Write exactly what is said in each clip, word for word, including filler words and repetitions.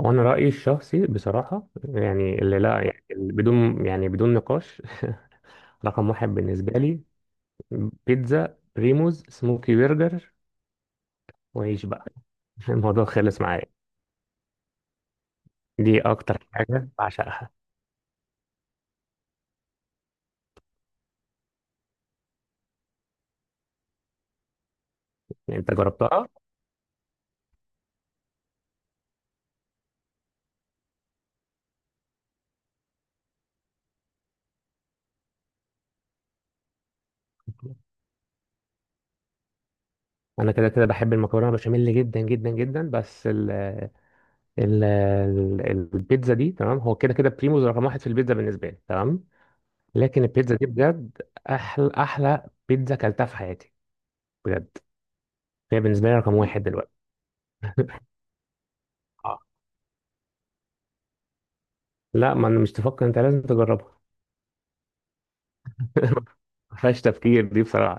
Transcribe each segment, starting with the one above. هو انا رايي الشخصي بصراحه، يعني اللي لا مم. يعني اللي بدون يعني بدون نقاش. رقم واحد بالنسبه لي بيتزا بريموز سموكي برجر وعيش بقى. الموضوع خلص معايا، دي اكتر حاجه بعشقها. يعني انت جربتها؟ انا كده كده بحب المكرونه بشاميل جدا جدا جدا، بس ال ال ال- البيتزا دي تمام، هو كده كده بريموز رقم واحد في البيتزا بالنسبه لي تمام. لكن البيتزا دي بجد احلى احلى بيتزا كلتها في حياتي، بجد. هي بالنسبه لي رقم واحد دلوقتي. آه. لا، ما انا مش تفكر، انت لازم تجربها. ما فيهاش تفكير دي بصراحة.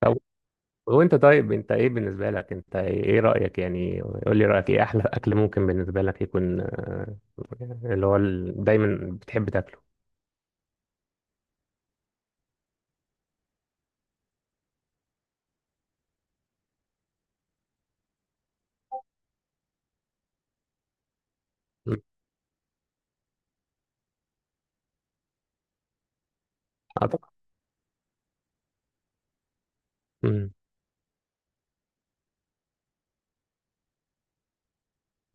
طب وانت طيب، انت ايه بالنسبة لك؟ انت ايه رأيك؟ يعني قول لي رأيك ايه احلى اكل ممكن بالنسبة لك يكون، آه، اللي هو ال- دايما بتحب تاكله. مم. اه طبعا. مم.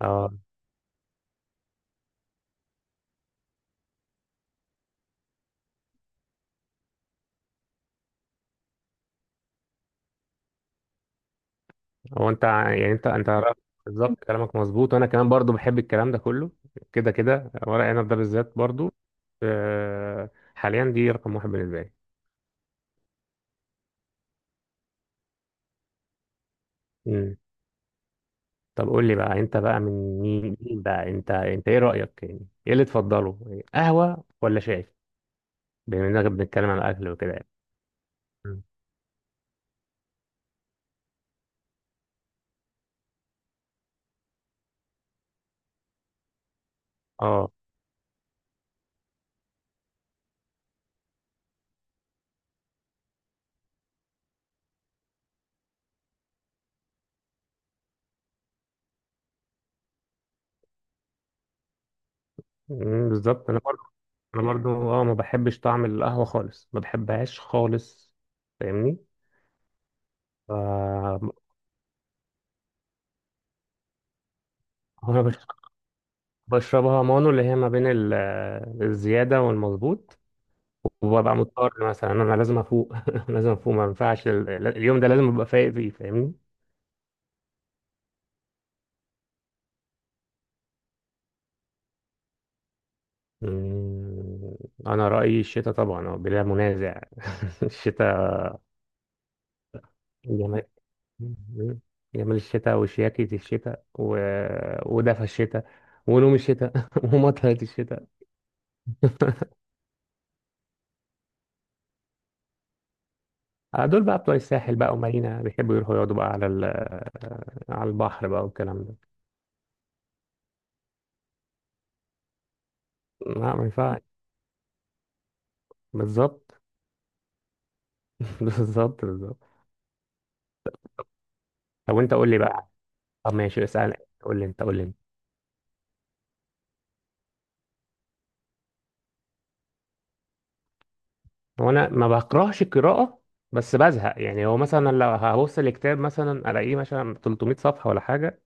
اه. هو انت ع- يعني انت انت رأيك بالظبط، كلامك مظبوط، وانا كمان برضو بحب الكلام ده كله. كده كده ورق عنب ده بالذات برضو. آه، حاليا دي رقم واحد بالنسبة لي. طب قول لي بقى، انت بقى من مين مين بقى؟ انت انت ايه رأيك؟ يعني ايه اللي تفضله، قهوة ولا شاي؟ بما اننا بنتكلم عن الاكل وكده يعني. مم. اه. مم، بالظبط. انا برضو انا برضو اه ما بحبش طعم القهوة خالص، ما بحبهاش خالص، فاهمني؟ ف- انا بش- بشربها مانو اللي هي ما بين ال- الزيادة والمظبوط، وببقى مضطر مثلا. انا لازم افوق لازم افوق، ما ينفعش ال- اليوم ده لازم ابقى فايق فيه، فاهمني؟ مم، أنا رأيي الشتاء طبعا، آه، بلا منازع. الشتاء، جمال، مم، جمال الشتاء وشياكة الشتاء و... ودفى الشتاء ونوم الشتاء ومطرة الشتاء. آه، دول بقى بتوع الساحل بقى ومارينا، بيحبوا يروحوا يقعدوا بقى على ال... على البحر بقى والكلام ده. لا ما ينفعش، بالظبط. بالظبط بالظبط طب وانت قول لي بقى. طب ماشي اسأل، قول لي انت، قول لي. هو انا ما بكرهش القراءه، بس بزهق. يعني هو مثلا لو هبص الكتاب مثلا الاقيه مثلا ثلاث مية صفحه ولا حاجه،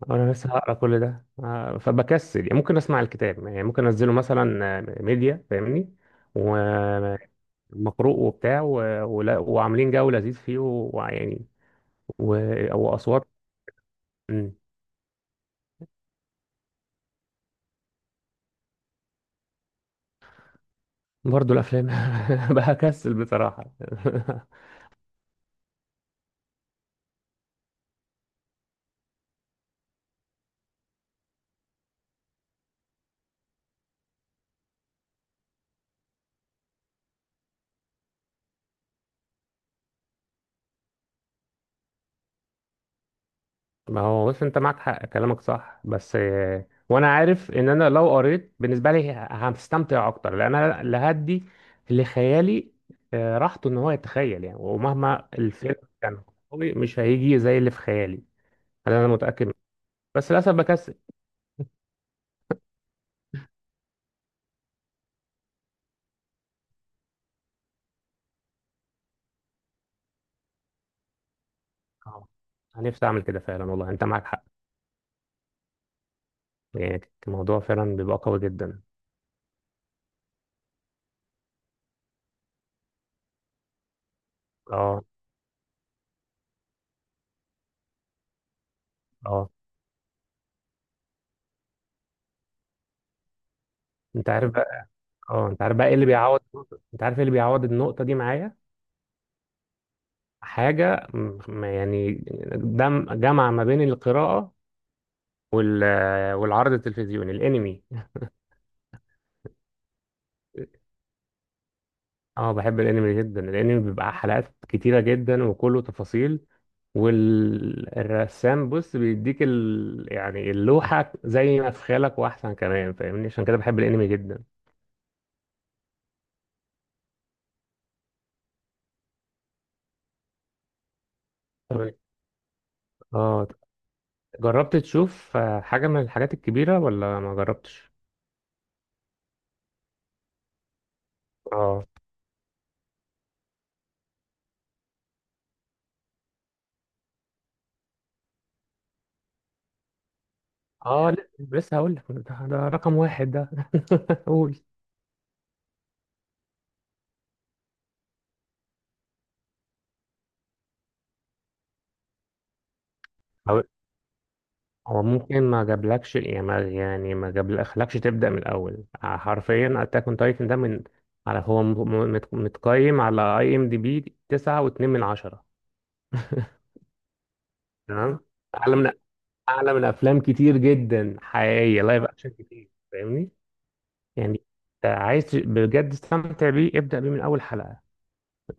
وانا لسه هقرا كل ده، آه، فبكسل يعني. ممكن اسمع الكتاب، يعني ممكن انزله مثلا، آه، ميديا، فاهمني؟ ومقروء وبتاع و... ولا... وعاملين جو لذيذ فيه ويعني و... واصوات. مم. برضه الافلام. بكسل بصراحه. ما هو بص انت معاك حق، كلامك صح، بس آه، وانا عارف ان انا لو قريت بالنسبه لي ه- هستمتع اكتر، لان انا اللي هدي لخيالي آه، راحته ان هو يتخيل يعني. ومهما الفيلم كان قوي، مش هيجي زي اللي في خيالي، هذا انا متاكد منه. بس للاسف بكسل. اه، انا نفسي اعمل كده فعلا، والله انت معاك حق، يعني الموضوع فعلا بيبقى قوي جدا. اه اه، انت عارف بقى. اه انت عارف بقى ايه اللي بيعوض، انت عارف ايه اللي بيعوض النقطه دي معايا؟ حاجة م- يعني دم جمع ما بين القراءة وال والعرض التلفزيوني، الانمي. اه بحب الانمي جدا. الانمي بيبقى حلقات كتيرة جدا وكله تفاصيل، والرسام بص بيديك ال... يعني اللوحة زي ما في خيالك واحسن كمان، فاهمني؟ عشان كده بحب الانمي جدا. طب- اه، جربت تشوف، آه، حاجة من الحاجات الكبيرة ولا ما جربتش؟ اه اه لا، لسه هقول لك، ده، ده رقم واحد ده. قول. هو ممكن ما جابلكش، يعني ما، يعني ما جابلكش تبدأ من الأول. حرفيا أتاك أون تايتن ده من، على، هو م- م- مت- متقيم على أي إم دي بي تسعة واتنين من عشرة. تمام. أعلى من، أعلى من أفلام كتير جدا حقيقية، لايف أكشن كتير، فاهمني؟ يعني أنت عايز بجد تستمتع بيه، ابدأ بيه من أول حلقة.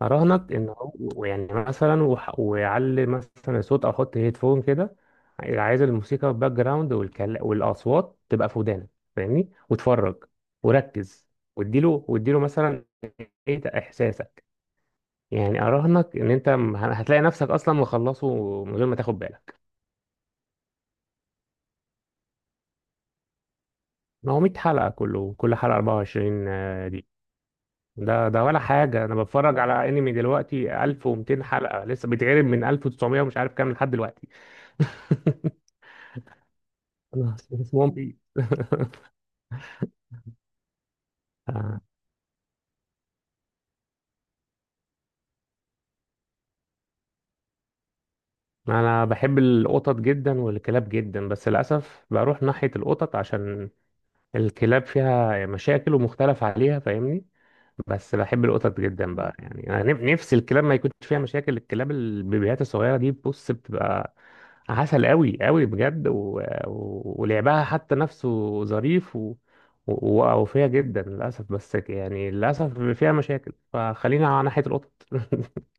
اراهنك ان هو يعني مثلا وح- ويعلي مثلا الصوت، او احط هيدفون كده، عايز الموسيقى باك جراوند والكل... والاصوات تبقى في ودانك، فاهمني؟ وتفرج وركز، واديله، واديله مثلا ايه ده احساسك. يعني اراهنك ان انت م- هتلاقي نفسك اصلا مخلصه من غير ما تاخد بالك. ما هو ميه حلقة كله، كل حلقة اربعه وعشرين دي. ده ده ولا حاجة، انا بتفرج على انمي دلوقتي الف ومتين حلقة لسه بيتعرض من ألف وتسعمائة ومش عارف كام لحد دلوقتي. انا اسمهم بي. انا بحب القطط جدا والكلاب جدا، بس للاسف بروح ناحيه القطط عشان الكلاب فيها مشاكل ومختلف عليها، فاهمني؟ بس بحب القطط جدا بقى. يعني انا نف- نفسي الكلاب ما يكونش فيها مشاكل. الكلاب البيبيات الصغيره دي بص بتبقى عسل قوي قوي بجد و... و... ولعبها حتى نفسه ظريف و... و... ووفيه جدا، للاسف. بس يعني للاسف فيها مشاكل، فخلينا على ناحيه القطط.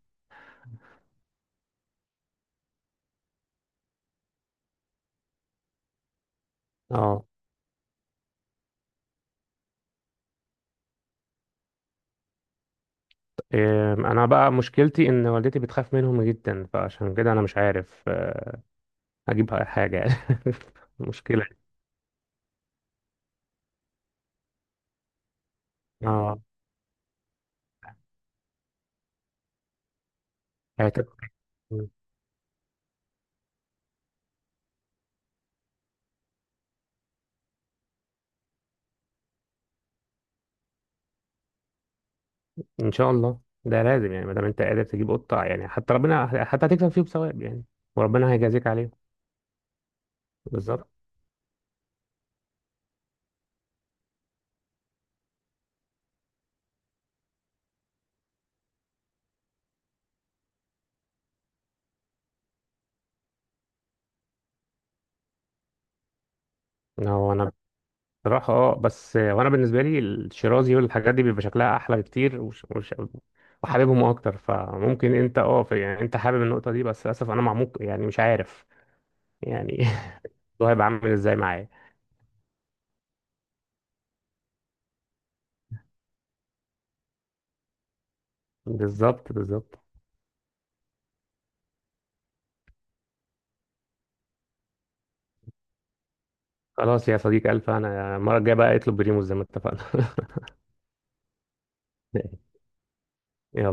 اه. إيه، انا بقى مشكلتي ان والدتي بتخاف منهم جدا، فعشان كده انا مش عارف، آه، اجيب حاجه. مشكله. اه. هت- ان شاء الله، ده لازم يعني. ما دام انت قادر تجيب قطه، يعني حتى ربنا، حتى هتكسب فيه بثواب يعني، وربنا هيجازيك عليه. بالظبط. هو انا بصراحه اه، بس آه، وانا بالنسبه لي الشيرازي والحاجات دي بيبقى شكلها احلى بكتير، وش... وش... وحاببهم اكتر. فممكن انت اه في- يعني انت حابب النقطه دي، بس للاسف انا معموق، يعني مش عارف يعني. ده هيبقى عامل ازاي معايا. بالظبط بالظبط خلاص يا صديقي، ألف. أنا المرة الجاية بقى اطلب بريموس زي ما اتفقنا. يلا.